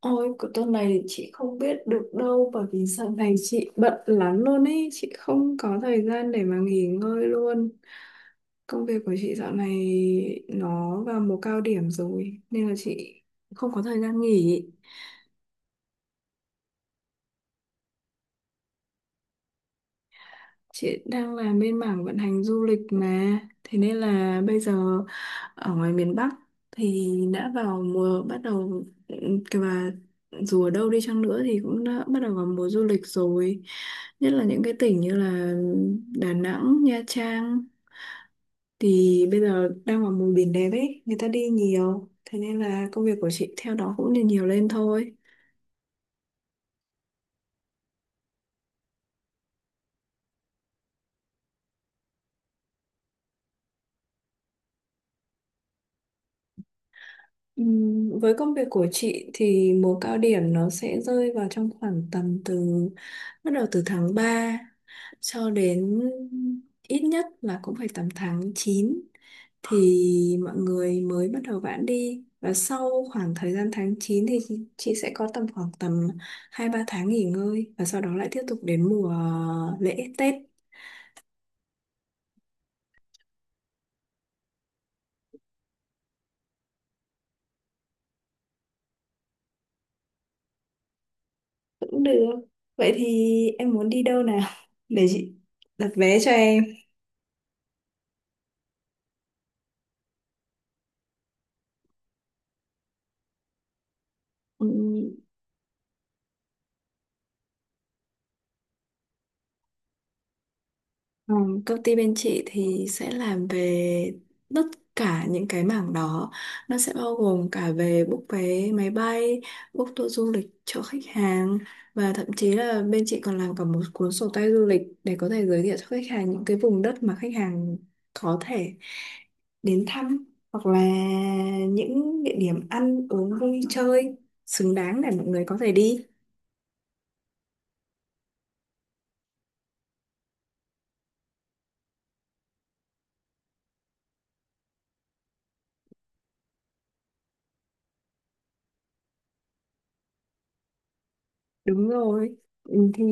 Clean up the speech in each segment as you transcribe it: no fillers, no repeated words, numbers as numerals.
Ôi, của tuần này thì chị không biết được đâu, bởi vì sau này chị bận lắm luôn ấy, chị không có thời gian để mà nghỉ ngơi luôn. Công việc của chị dạo này nó vào mùa cao điểm rồi nên là chị không có thời gian nghỉ. Chị đang làm bên mảng vận hành du lịch mà. Thế nên là bây giờ ở ngoài miền Bắc thì đã vào mùa, bắt đầu kìa, và dù ở đâu đi chăng nữa thì cũng đã bắt đầu vào mùa du lịch rồi. Nhất là những cái tỉnh như là Đà Nẵng, Nha Trang, thì bây giờ đang vào mùa biển đẹp ấy, người ta đi nhiều. Thế nên là công việc của chị theo đó cũng nhiều nhiều lên thôi. Với công việc của chị thì mùa cao điểm nó sẽ rơi vào trong khoảng tầm từ bắt đầu từ tháng 3 cho đến ít nhất là cũng phải tầm tháng 9, thì mọi người mới bắt đầu vãn đi, và sau khoảng thời gian tháng 9 thì chị sẽ có tầm khoảng tầm 2 3 tháng nghỉ ngơi, và sau đó lại tiếp tục đến mùa lễ Tết cũng được. Vậy thì em muốn đi đâu nào để chị đặt vé cho em. Ừ. Ừ, Công ty bên chị thì sẽ làm về tất cả những cái mảng đó. Nó sẽ bao gồm cả về book vé máy bay, book tour du lịch cho khách hàng, và thậm chí là bên chị còn làm cả một cuốn sổ tay du lịch để có thể giới thiệu cho khách hàng những cái vùng đất mà khách hàng có thể đến thăm, hoặc là những địa điểm ăn uống vui chơi xứng đáng để mọi người có thể đi. Đúng rồi. Ừ, Thì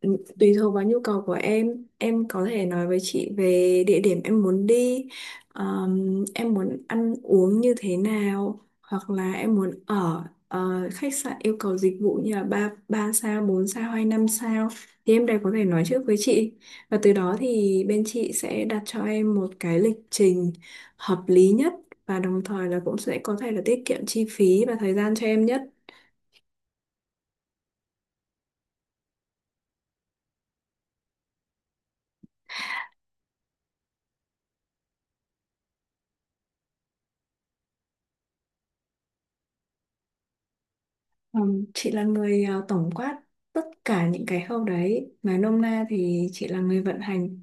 Tùy thuộc vào nhu cầu của em có thể nói với chị về địa điểm em muốn đi, em muốn ăn uống như thế nào, hoặc là em muốn ở khách sạn yêu cầu dịch vụ như là 3 ba sao, 4 sao hay 5 sao, thì em đều có thể nói trước với chị. Và từ đó thì bên chị sẽ đặt cho em một cái lịch trình hợp lý nhất, và đồng thời là cũng sẽ có thể là tiết kiệm chi phí và thời gian cho em nhất. Ừ, chị là người tổng quát tất cả những cái khâu đấy. Nói nôm na thì chị là người vận hành.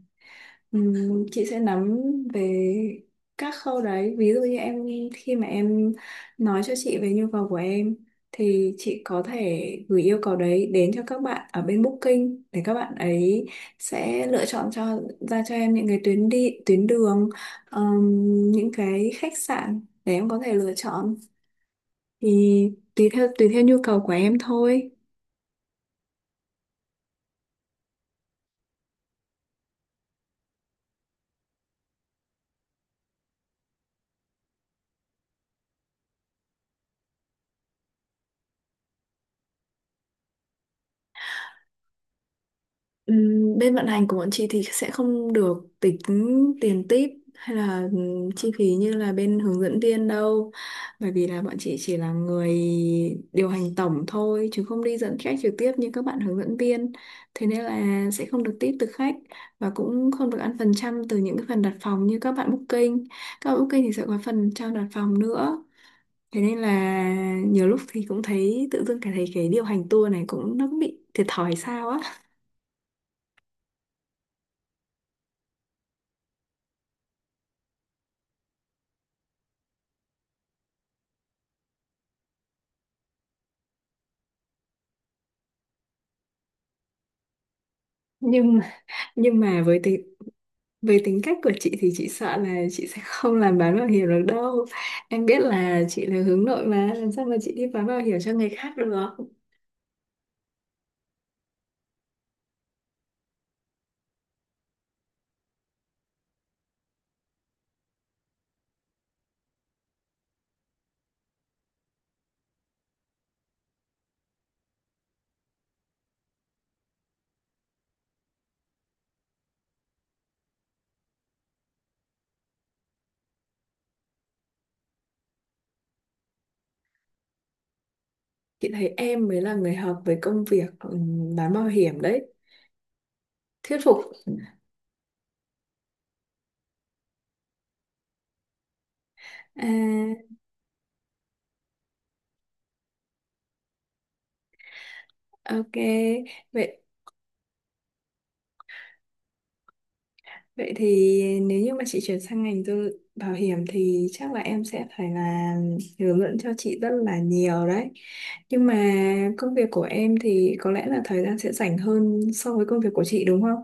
Chị sẽ nắm về các khâu đấy. Ví dụ như em, khi mà em nói cho chị về nhu cầu của em, thì chị có thể gửi yêu cầu đấy đến cho các bạn ở bên Booking, để các bạn ấy sẽ lựa chọn cho, ra cho em những cái tuyến đi tuyến đường, những cái khách sạn để em có thể lựa chọn, thì tùy theo nhu cầu của em thôi. Bên vận hành của bọn chị thì sẽ không được tính tiền tip hay là chi phí như là bên hướng dẫn viên đâu, bởi vì là bọn chị chỉ là người điều hành tổng thôi chứ không đi dẫn khách trực tiếp như các bạn hướng dẫn viên. Thế nên là sẽ không được tip từ khách, và cũng không được ăn phần trăm từ những cái phần đặt phòng như các bạn booking. Các bạn booking thì sẽ có phần trăm đặt phòng nữa. Thế nên là nhiều lúc thì cũng thấy tự dưng cảm thấy cái điều hành tour này cũng, nó cũng bị thiệt thòi sao á. Nhưng mà, nhưng mà với tính cách của chị thì chị sợ là chị sẽ không làm bán bảo hiểm được đâu. Em biết là chị là hướng nội, mà làm sao mà chị đi bán bảo hiểm cho người khác được. Chị thấy em mới là người hợp với công việc bán bảo hiểm đấy. Thuyết phục. À, ok. Vậy Vậy thì nếu như mà chị chuyển sang ngành tư bảo hiểm thì chắc là em sẽ phải là hướng dẫn cho chị rất là nhiều đấy. Nhưng mà công việc của em thì có lẽ là thời gian sẽ rảnh hơn so với công việc của chị đúng không?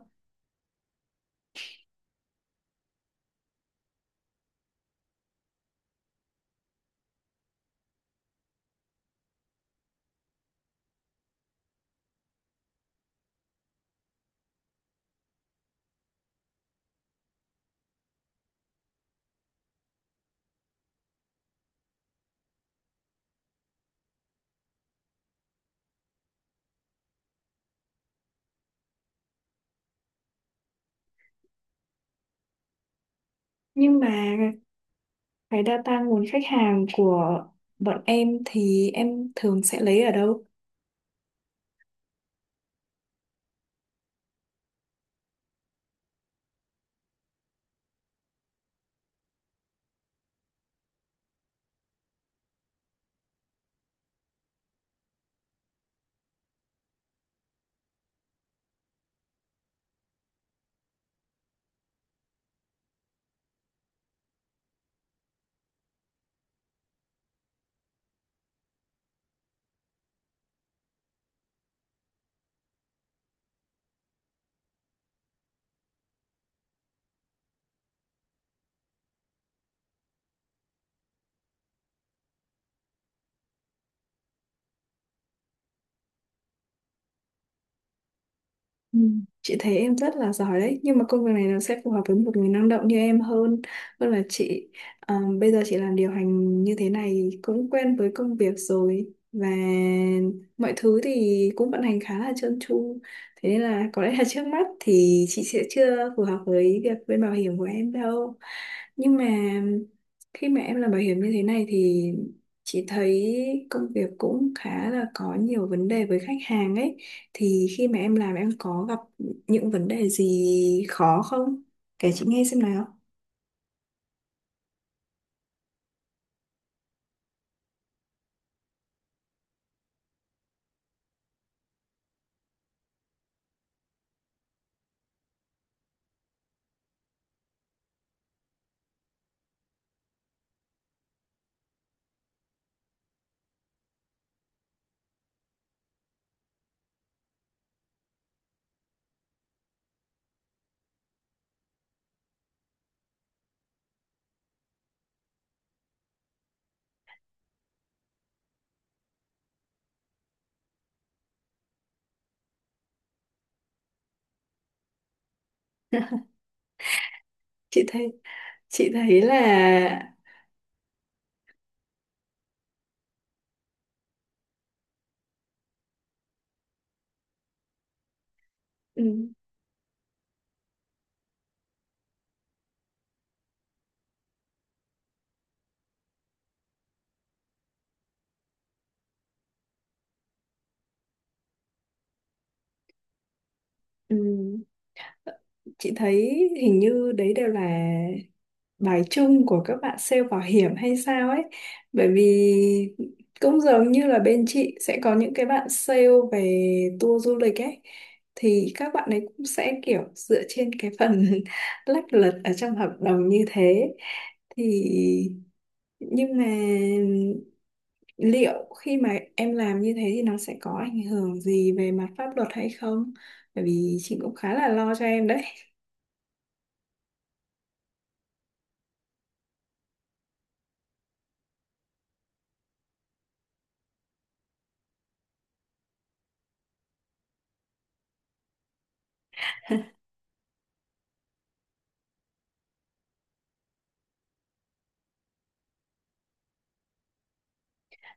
Nhưng mà cái data nguồn khách hàng của bọn em thì em thường sẽ lấy ở đâu? Ừ. Chị thấy em rất là giỏi đấy, nhưng mà công việc này nó sẽ phù hợp với một người năng động như em hơn, hơn là chị. Ờ, bây giờ chị làm điều hành như thế này thì cũng quen với công việc rồi, và mọi thứ thì cũng vận hành khá là trơn tru, thế nên là có lẽ là trước mắt thì chị sẽ chưa phù hợp với việc bên bảo hiểm của em đâu. Nhưng mà khi mà em làm bảo hiểm như thế này thì chị thấy công việc cũng khá là có nhiều vấn đề với khách hàng ấy, thì khi mà em làm em có gặp những vấn đề gì khó không? Kể chị nghe xem nào. Chị thấy chị thấy là ừ, ừ, chị thấy hình như đấy đều là bài chung của các bạn sale bảo hiểm hay sao ấy. Bởi vì cũng giống như là bên chị sẽ có những cái bạn sale về tour du lịch ấy, thì các bạn ấy cũng sẽ kiểu dựa trên cái phần lách luật ở trong hợp đồng như thế, thì nhưng mà liệu khi mà em làm như thế thì nó sẽ có ảnh hưởng gì về mặt pháp luật hay không? Bởi vì chị cũng khá là lo cho em đấy.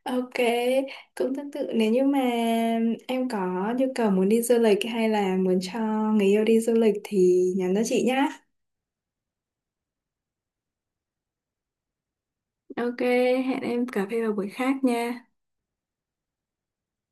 Ok, cũng tương tự, nếu như mà em có nhu cầu muốn đi du lịch, hay là muốn cho người yêu đi du lịch thì nhắn cho chị nhá. Ok, hẹn em cà phê vào buổi khác nha.